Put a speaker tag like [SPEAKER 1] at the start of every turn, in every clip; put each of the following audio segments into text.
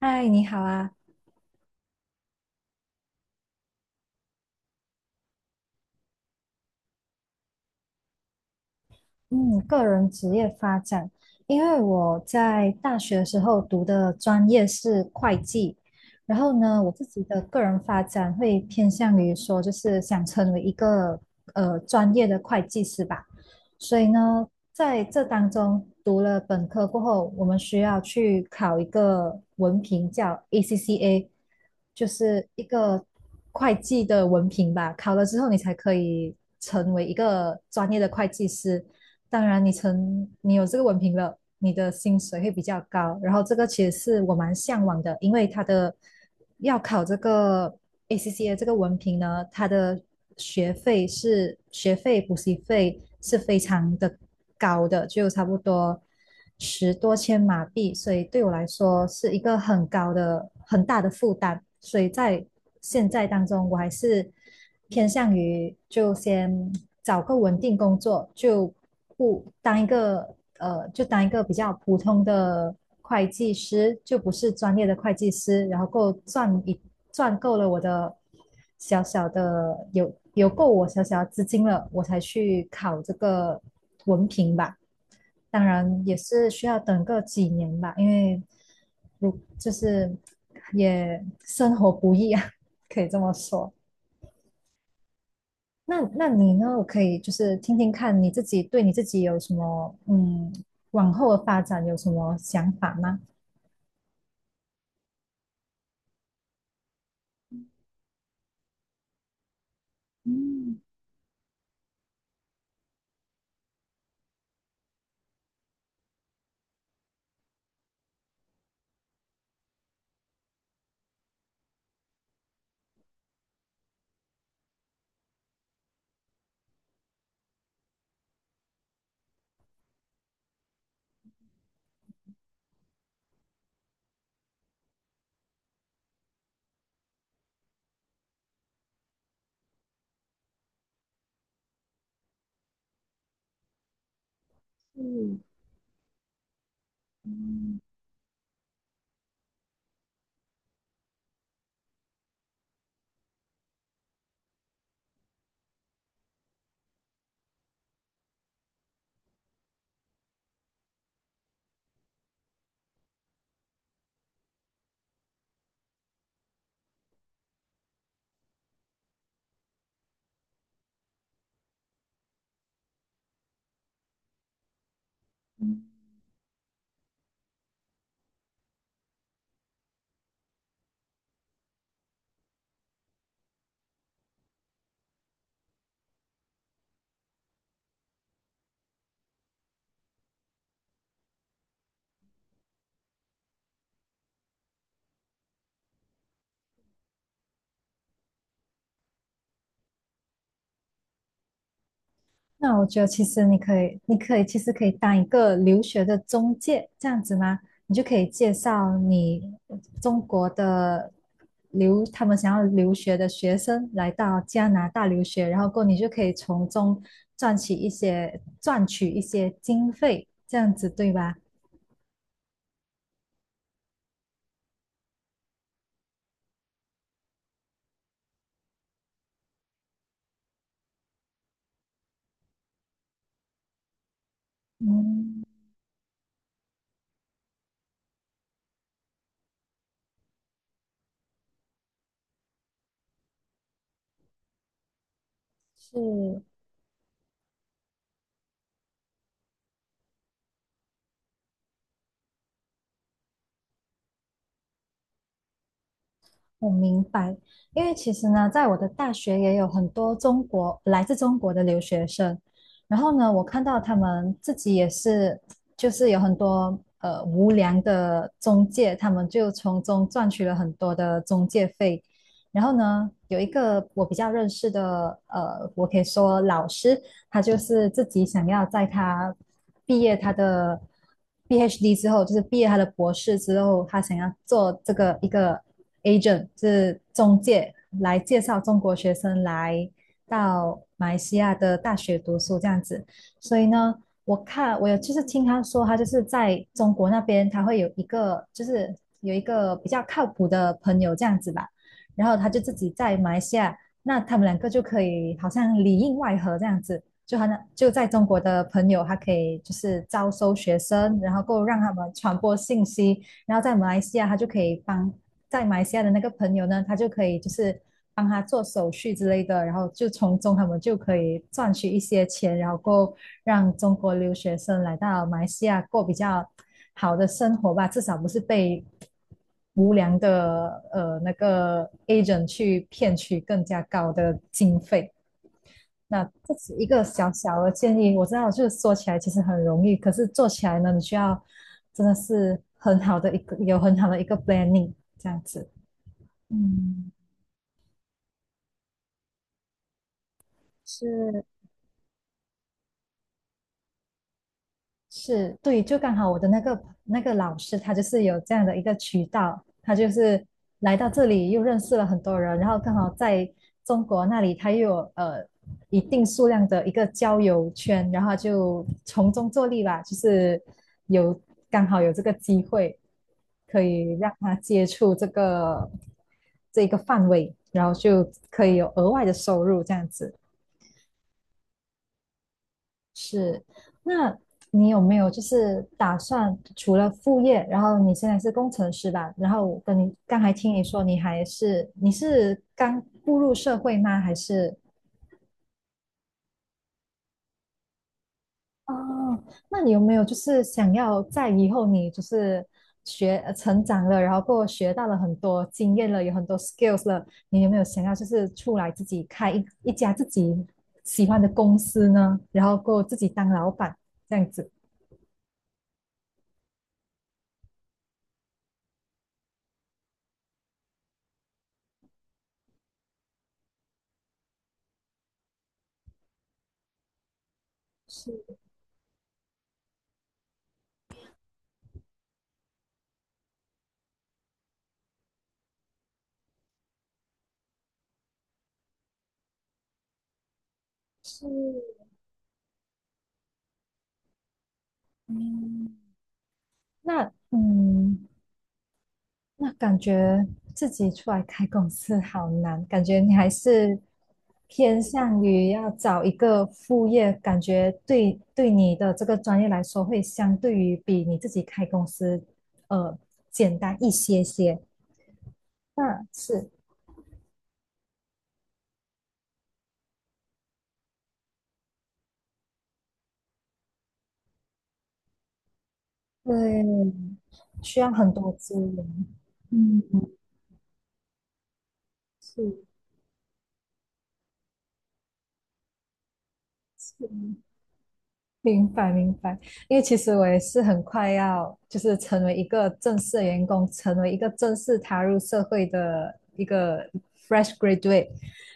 [SPEAKER 1] 嗨，你好啊！嗯，个人职业发展，因为我在大学的时候读的专业是会计，然后呢，我自己的个人发展会偏向于说，就是想成为一个专业的会计师吧。所以呢，在这当中读了本科过后，我们需要去考一个文凭，叫 ACCA，就是一个会计的文凭吧。考了之后，你才可以成为一个专业的会计师。当然你有这个文凭了，你的薪水会比较高。然后这个其实是我蛮向往的，因为它的要考这个 ACCA 这个文凭呢，它的学费补习费是非常的高的，就差不多十多千马币，所以对我来说是一个很高的很大的负担。所以在现在当中，我还是偏向于就先找个稳定工作，就不当一个，就当一个比较普通的会计师，就不是专业的会计师，然后够赚够了我的小小的有够我小小的资金了，我才去考这个文凭吧。当然也是需要等个几年吧，因为就是也生活不易啊，可以这么说。那你呢？我可以就是听听看你自己对你自己有什么往后的发展有什么想法吗？嗯，那我觉得其实你可以其实可以当一个留学的中介这样子吗？你就可以介绍你中国的他们想要留学的学生来到加拿大留学，然后过后你就可以从中赚取一些经费，这样子对吧？嗯，是。我明白，因为其实呢，在我的大学也有很多来自中国的留学生，然后呢，我看到他们自己也是，就是有很多无良的中介，他们就从中赚取了很多的中介费。然后呢，有一个我比较认识的，我可以说老师，他就是自己想要在他毕业他的 PhD 之后，就是毕业他的博士之后，他想要做这个一个 agent 是中介来介绍中国学生来到马来西亚的大学读书这样子。所以呢，我有就是听他说，他就是在中国那边他会有一个就是有一个比较靠谱的朋友这样子吧，然后他就自己在马来西亚，那他们两个就可以好像里应外合这样子。就在中国的朋友，他可以就是招收学生，然后够让他们传播信息，然后在马来西亚他就可以帮在马来西亚的那个朋友呢，他就可以就是帮他做手续之类的，然后就从中他们就可以赚取一些钱，然后够让中国留学生来到马来西亚过比较好的生活吧，至少不是被无良的那个 agent 去骗取更加高的经费。那这是一个小小的建议，我知道就是说起来其实很容易，可是做起来呢，你需要真的是很好的一个 planning 这样子。嗯，是是，对，就刚好我的那个老师，他就是有这样的一个渠道，他就是来到这里又认识了很多人，然后刚好在中国那里他又有一定数量的一个交友圈，然后他就从中作利吧，就是有刚好有这个机会可以让他接触这一个范围，然后就可以有额外的收入这样子。是，那你有没有就是打算除了副业，然后你现在是工程师吧？然后我跟你刚才听你说你是刚步入社会吗？还是哦，那你有没有就是想要在以后你就是成长了，然后过后学到了很多经验了，有很多 skills 了，你有没有想要就是出来自己开一家自己喜欢的公司呢？然后过后自己当老板这样子？是是，嗯，那嗯，那感觉自己出来开公司好难，感觉你还是偏向于要找一个副业，感觉对你的这个专业来说，会相对于比你自己开公司，呃，简单一些些。那是，对，需要很多资源。嗯，是是。明白明白，因为其实我也是很快要就是成为一个正式的员工，成为一个正式踏入社会的一个 fresh graduate。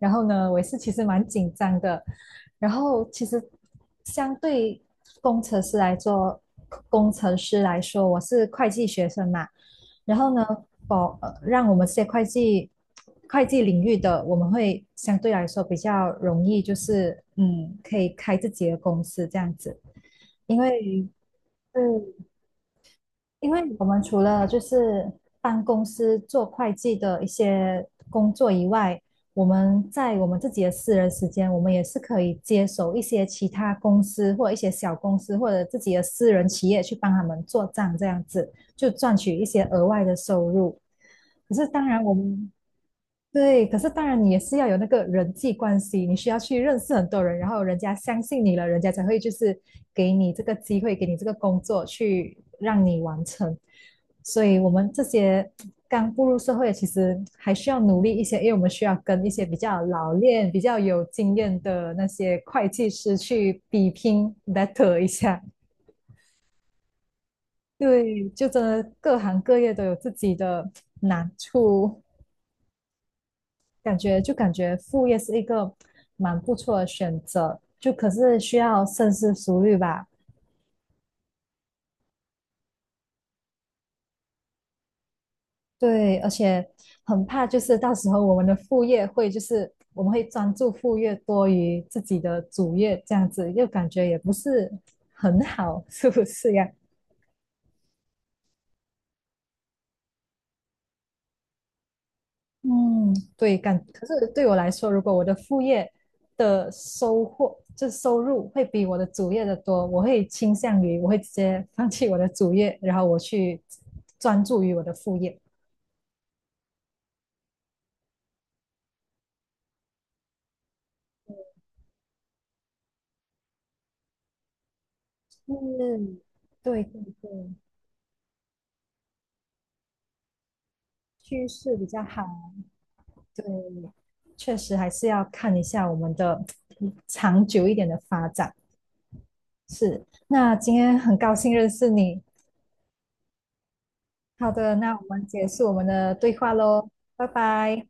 [SPEAKER 1] 然后呢，我也是其实蛮紧张的。然后其实相对工程师来做，工程师来说，我是会计学生嘛。然后呢，让我们这些会计领域的，我们会相对来说比较容易，就是可以开自己的公司这样子。因为嗯，因为我们除了就是帮公司做会计的一些工作以外，我们在我们自己的私人时间，我们也是可以接手一些其他公司或一些小公司或者自己的私人企业去帮他们做账，这样子就赚取一些额外的收入。可是当然，我们对，可是当然你也是要有那个人际关系，你需要去认识很多人，然后人家相信你了，人家才会就是给你这个机会，给你这个工作去让你完成。所以我们这些刚步入社会，其实还需要努力一些，因为我们需要跟一些比较老练、比较有经验的那些会计师去比拼 battle 一下。对，就真的各行各业都有自己的难处。感觉副业是一个蛮不错的选择，就可是需要深思熟虑吧。对，而且很怕就是到时候我们的副业会就是我们会专注副业多于自己的主业这样子，又感觉也不是很好，是不是呀？嗯，对，可是对我来说，如果我的副业的收获，就收入会比我的主业的多，我会倾向于我会直接放弃我的主业，然后我去专注于我的副业。嗯，对对对。趋势比较好。对，确实还是要看一下我们的长久一点的发展。是，那今天很高兴认识你。好的，那我们结束我们的对话喽，拜拜。